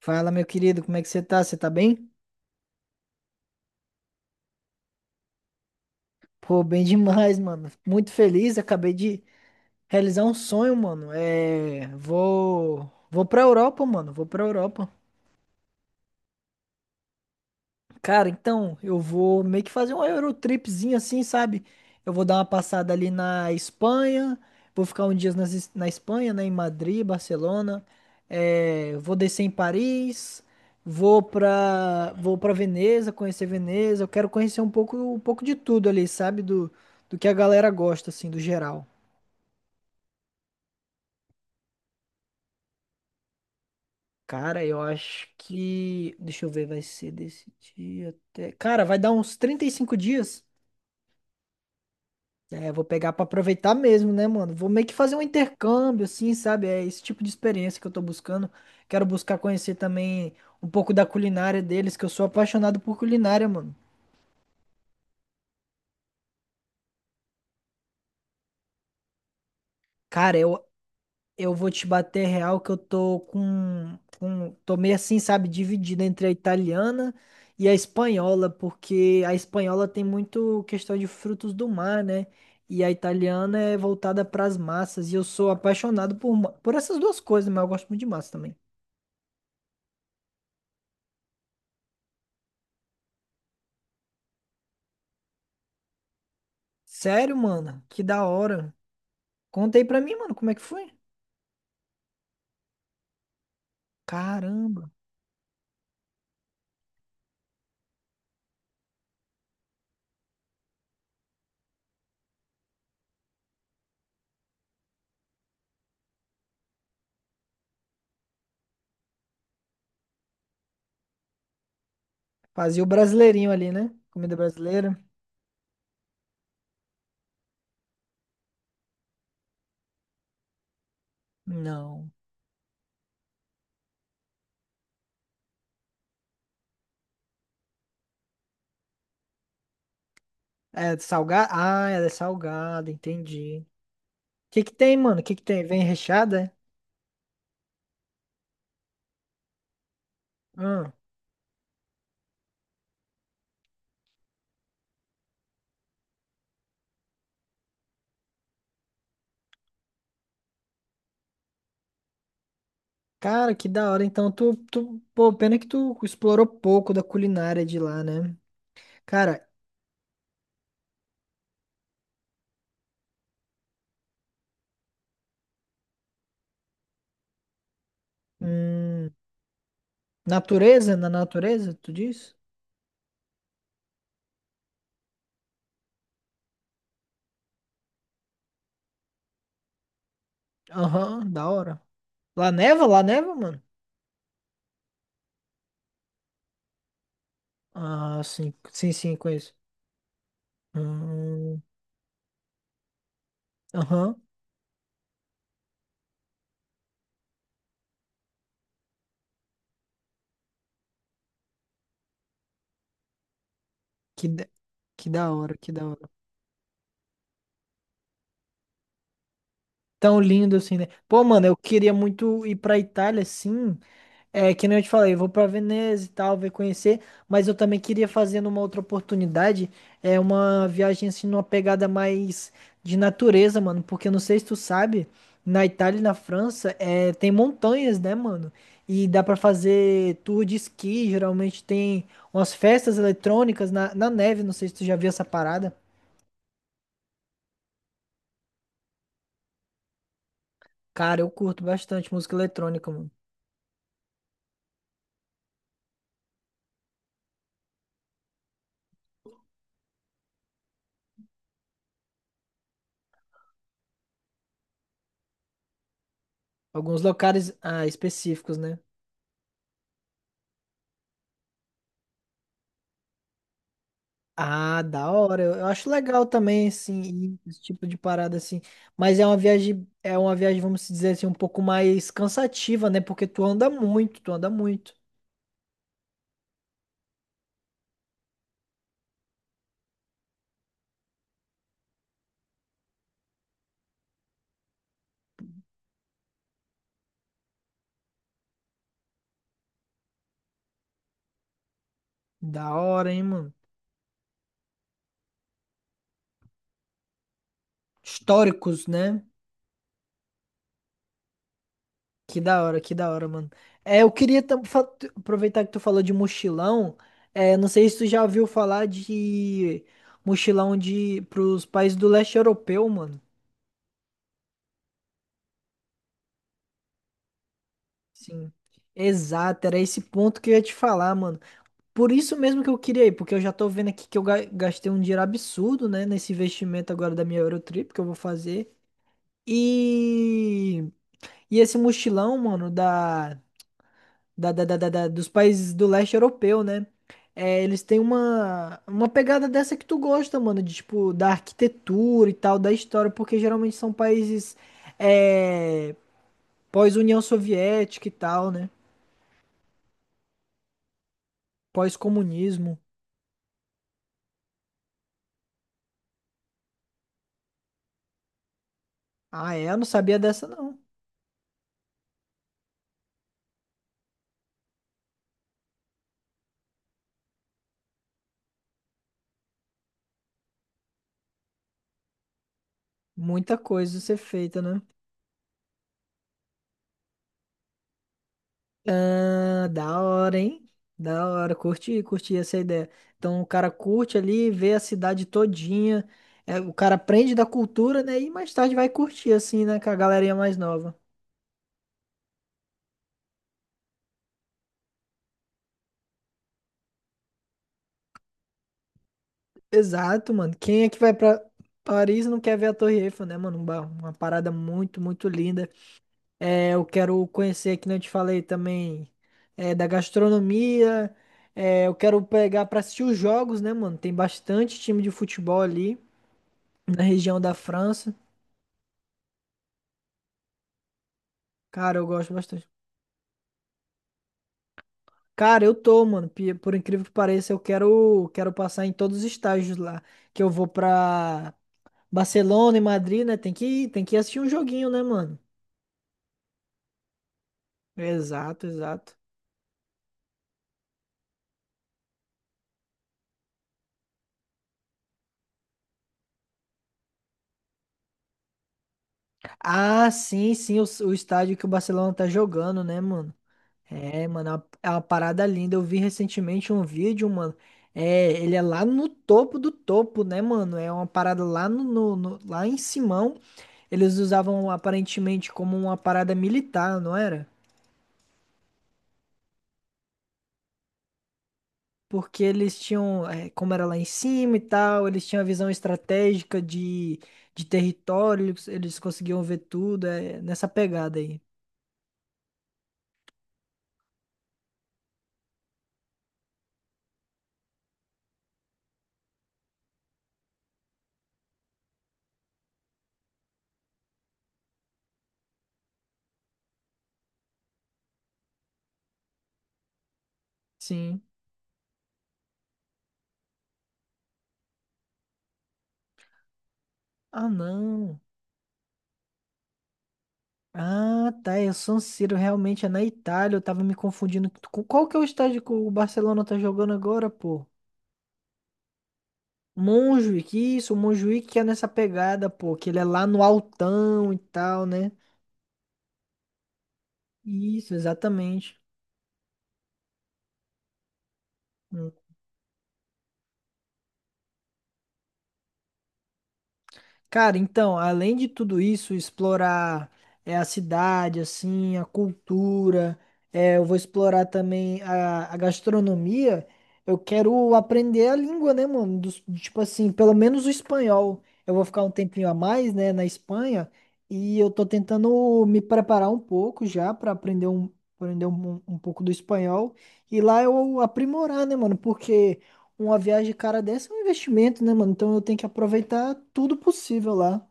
Fala, meu querido, como é que você tá? Você tá bem? Pô, bem demais, mano. Muito feliz, acabei de realizar um sonho, mano. Vou pra Europa, mano. Vou pra Europa. Cara, então, eu vou meio que fazer um Eurotripzinho assim, sabe? Eu vou dar uma passada ali na Espanha, vou ficar um dia na Espanha, né? Em Madrid, Barcelona. É, vou descer em Paris, vou pra Veneza, conhecer Veneza. Eu quero conhecer um pouco de tudo ali, sabe? Do que a galera gosta, assim, do geral. Cara, eu acho que. Deixa eu ver, vai ser desse dia até. Cara, vai dar uns 35 dias. É, vou pegar pra aproveitar mesmo, né, mano? Vou meio que fazer um intercâmbio, assim, sabe? É esse tipo de experiência que eu tô buscando. Quero buscar conhecer também um pouco da culinária deles, que eu sou apaixonado por culinária, mano. Cara, eu vou te bater real que eu tô com, com. Tô meio assim, sabe? Dividido entre a italiana e a espanhola, porque a espanhola tem muito questão de frutos do mar, né? E a italiana é voltada pras massas. E eu sou apaixonado por essas duas coisas, mas eu gosto muito de massa também. Sério, mano? Que da hora. Conta aí pra mim, mano, como é que foi? Caramba. Fazia o brasileirinho ali, né? Comida brasileira? Não. É salgada? Ah, ela é salgada, entendi. O que que tem, mano? O que que tem? Vem recheada? É? Ah, cara, que da hora. Então, pô, pena que tu explorou pouco da culinária de lá, né? Cara, hum, natureza? Na natureza, tu diz? Aham, da hora. Lá neva? Lá neva, mano? Ah, sim, sim, sim, conheço. Hum. Aham. Que, da- que da hora, que da hora. Tão lindo assim, né? Pô, mano, eu queria muito ir pra Itália, sim. É, que nem eu te falei, eu vou pra Veneza e tal, ver conhecer. Mas eu também queria fazer numa outra oportunidade, é uma viagem assim, numa pegada mais de natureza, mano. Porque eu não sei se tu sabe, na Itália e na França, é, tem montanhas, né, mano? E dá pra fazer tour de esqui, geralmente tem umas festas eletrônicas na neve, não sei se tu já viu essa parada. Cara, eu curto bastante música eletrônica, mano. Alguns locais ah, específicos, né? Ah, da hora. Eu acho legal também, assim, ir esse tipo de parada, assim. Mas é uma viagem, vamos dizer assim, um pouco mais cansativa, né? Porque tu anda muito, tu anda muito. Da hora, hein, mano? Históricos, né? Que da hora, mano. É, eu queria aproveitar que tu falou de mochilão. É, não sei se tu já ouviu falar de mochilão de pros países do leste europeu, mano. Sim, exato, era esse ponto que eu ia te falar, mano. Por isso mesmo que eu queria ir, porque eu já tô vendo aqui que eu gastei um dinheiro absurdo, né, nesse investimento agora da minha Eurotrip que eu vou fazer. E, e esse mochilão, mano, dos países do leste europeu, né? É, eles têm uma pegada dessa que tu gosta, mano, de tipo, da arquitetura e tal, da história, porque geralmente são países é, pós-União Soviética e tal, né? Pós-comunismo. Ah, é? Eu não sabia dessa, não. Muita coisa a ser feita, né? Ah, da hora, hein? Da hora. Curti, curti essa ideia. Então o cara curte ali, vê a cidade todinha. É, o cara aprende da cultura, né? E mais tarde vai curtir, assim, né? Com a galerinha mais nova. Exato, mano. Quem é que vai pra Paris e não quer ver a Torre Eiffel, né, mano? Uma parada muito, muito linda. É, eu quero conhecer, que nem eu te falei também, é, da gastronomia. É, eu quero pegar pra assistir os jogos, né, mano? Tem bastante time de futebol ali na região da França. Cara, eu gosto bastante. Cara, eu tô, mano. Por incrível que pareça, quero passar em todos os estágios lá. Que eu vou pra Barcelona e Madrid, né? Tem que assistir um joguinho, né, mano? Exato, exato. Ah, sim, sim, o estádio que o Barcelona tá jogando, né, mano? É, mano, é uma parada linda. Eu vi recentemente um vídeo, mano. É, ele é lá no topo do topo, né, mano? É uma parada lá lá em Simão. Eles usavam aparentemente como uma parada militar, não era? Porque eles tinham, é, como era lá em cima e tal, eles tinham a visão estratégica de território, eles conseguiam ver tudo, é, nessa pegada aí. Sim. Ah, não. Ah, tá. E o San Siro realmente é na Itália. Eu tava me confundindo com qual que é o estádio que o Barcelona tá jogando agora, pô? Montjuïc, isso, o Montjuïc que é nessa pegada, pô, que ele é lá no altão e tal, né? Isso, exatamente. Hum. Cara, então, além de tudo isso, explorar é, a cidade, assim, a cultura, é, eu vou explorar também a gastronomia. Eu quero aprender a língua, né, mano? Dos- tipo assim, pelo menos o espanhol. Eu vou ficar um tempinho a mais, né, na Espanha, e eu tô tentando me preparar um pouco já para aprender aprender um pouco do espanhol. E lá eu aprimorar, né, mano? Porque. Uma viagem cara dessa é um investimento, né, mano? Então eu tenho que aproveitar tudo possível lá.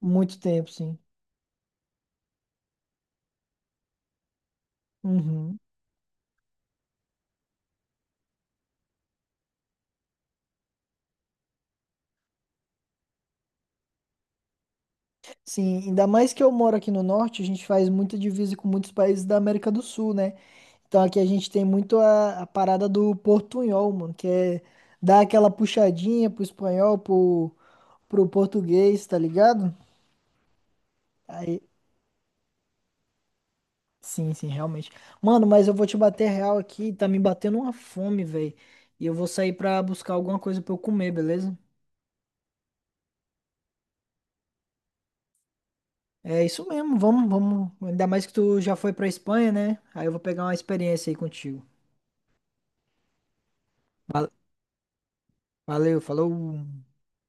Muito tempo, sim. Uhum. Sim, ainda mais que eu moro aqui no norte, a gente faz muita divisa com muitos países da América do Sul, né? Então aqui a gente tem muito a parada do portunhol, mano, que é dar aquela puxadinha pro espanhol, pro português, tá ligado? Aí, sim, sim, realmente. Mano, mas eu vou te bater real aqui, tá me batendo uma fome, velho. E eu vou sair pra buscar alguma coisa pra eu comer, beleza? É isso mesmo, vamos, vamos. Ainda mais que tu já foi pra Espanha, né? Aí eu vou pegar uma experiência aí contigo. Val- Valeu, falou.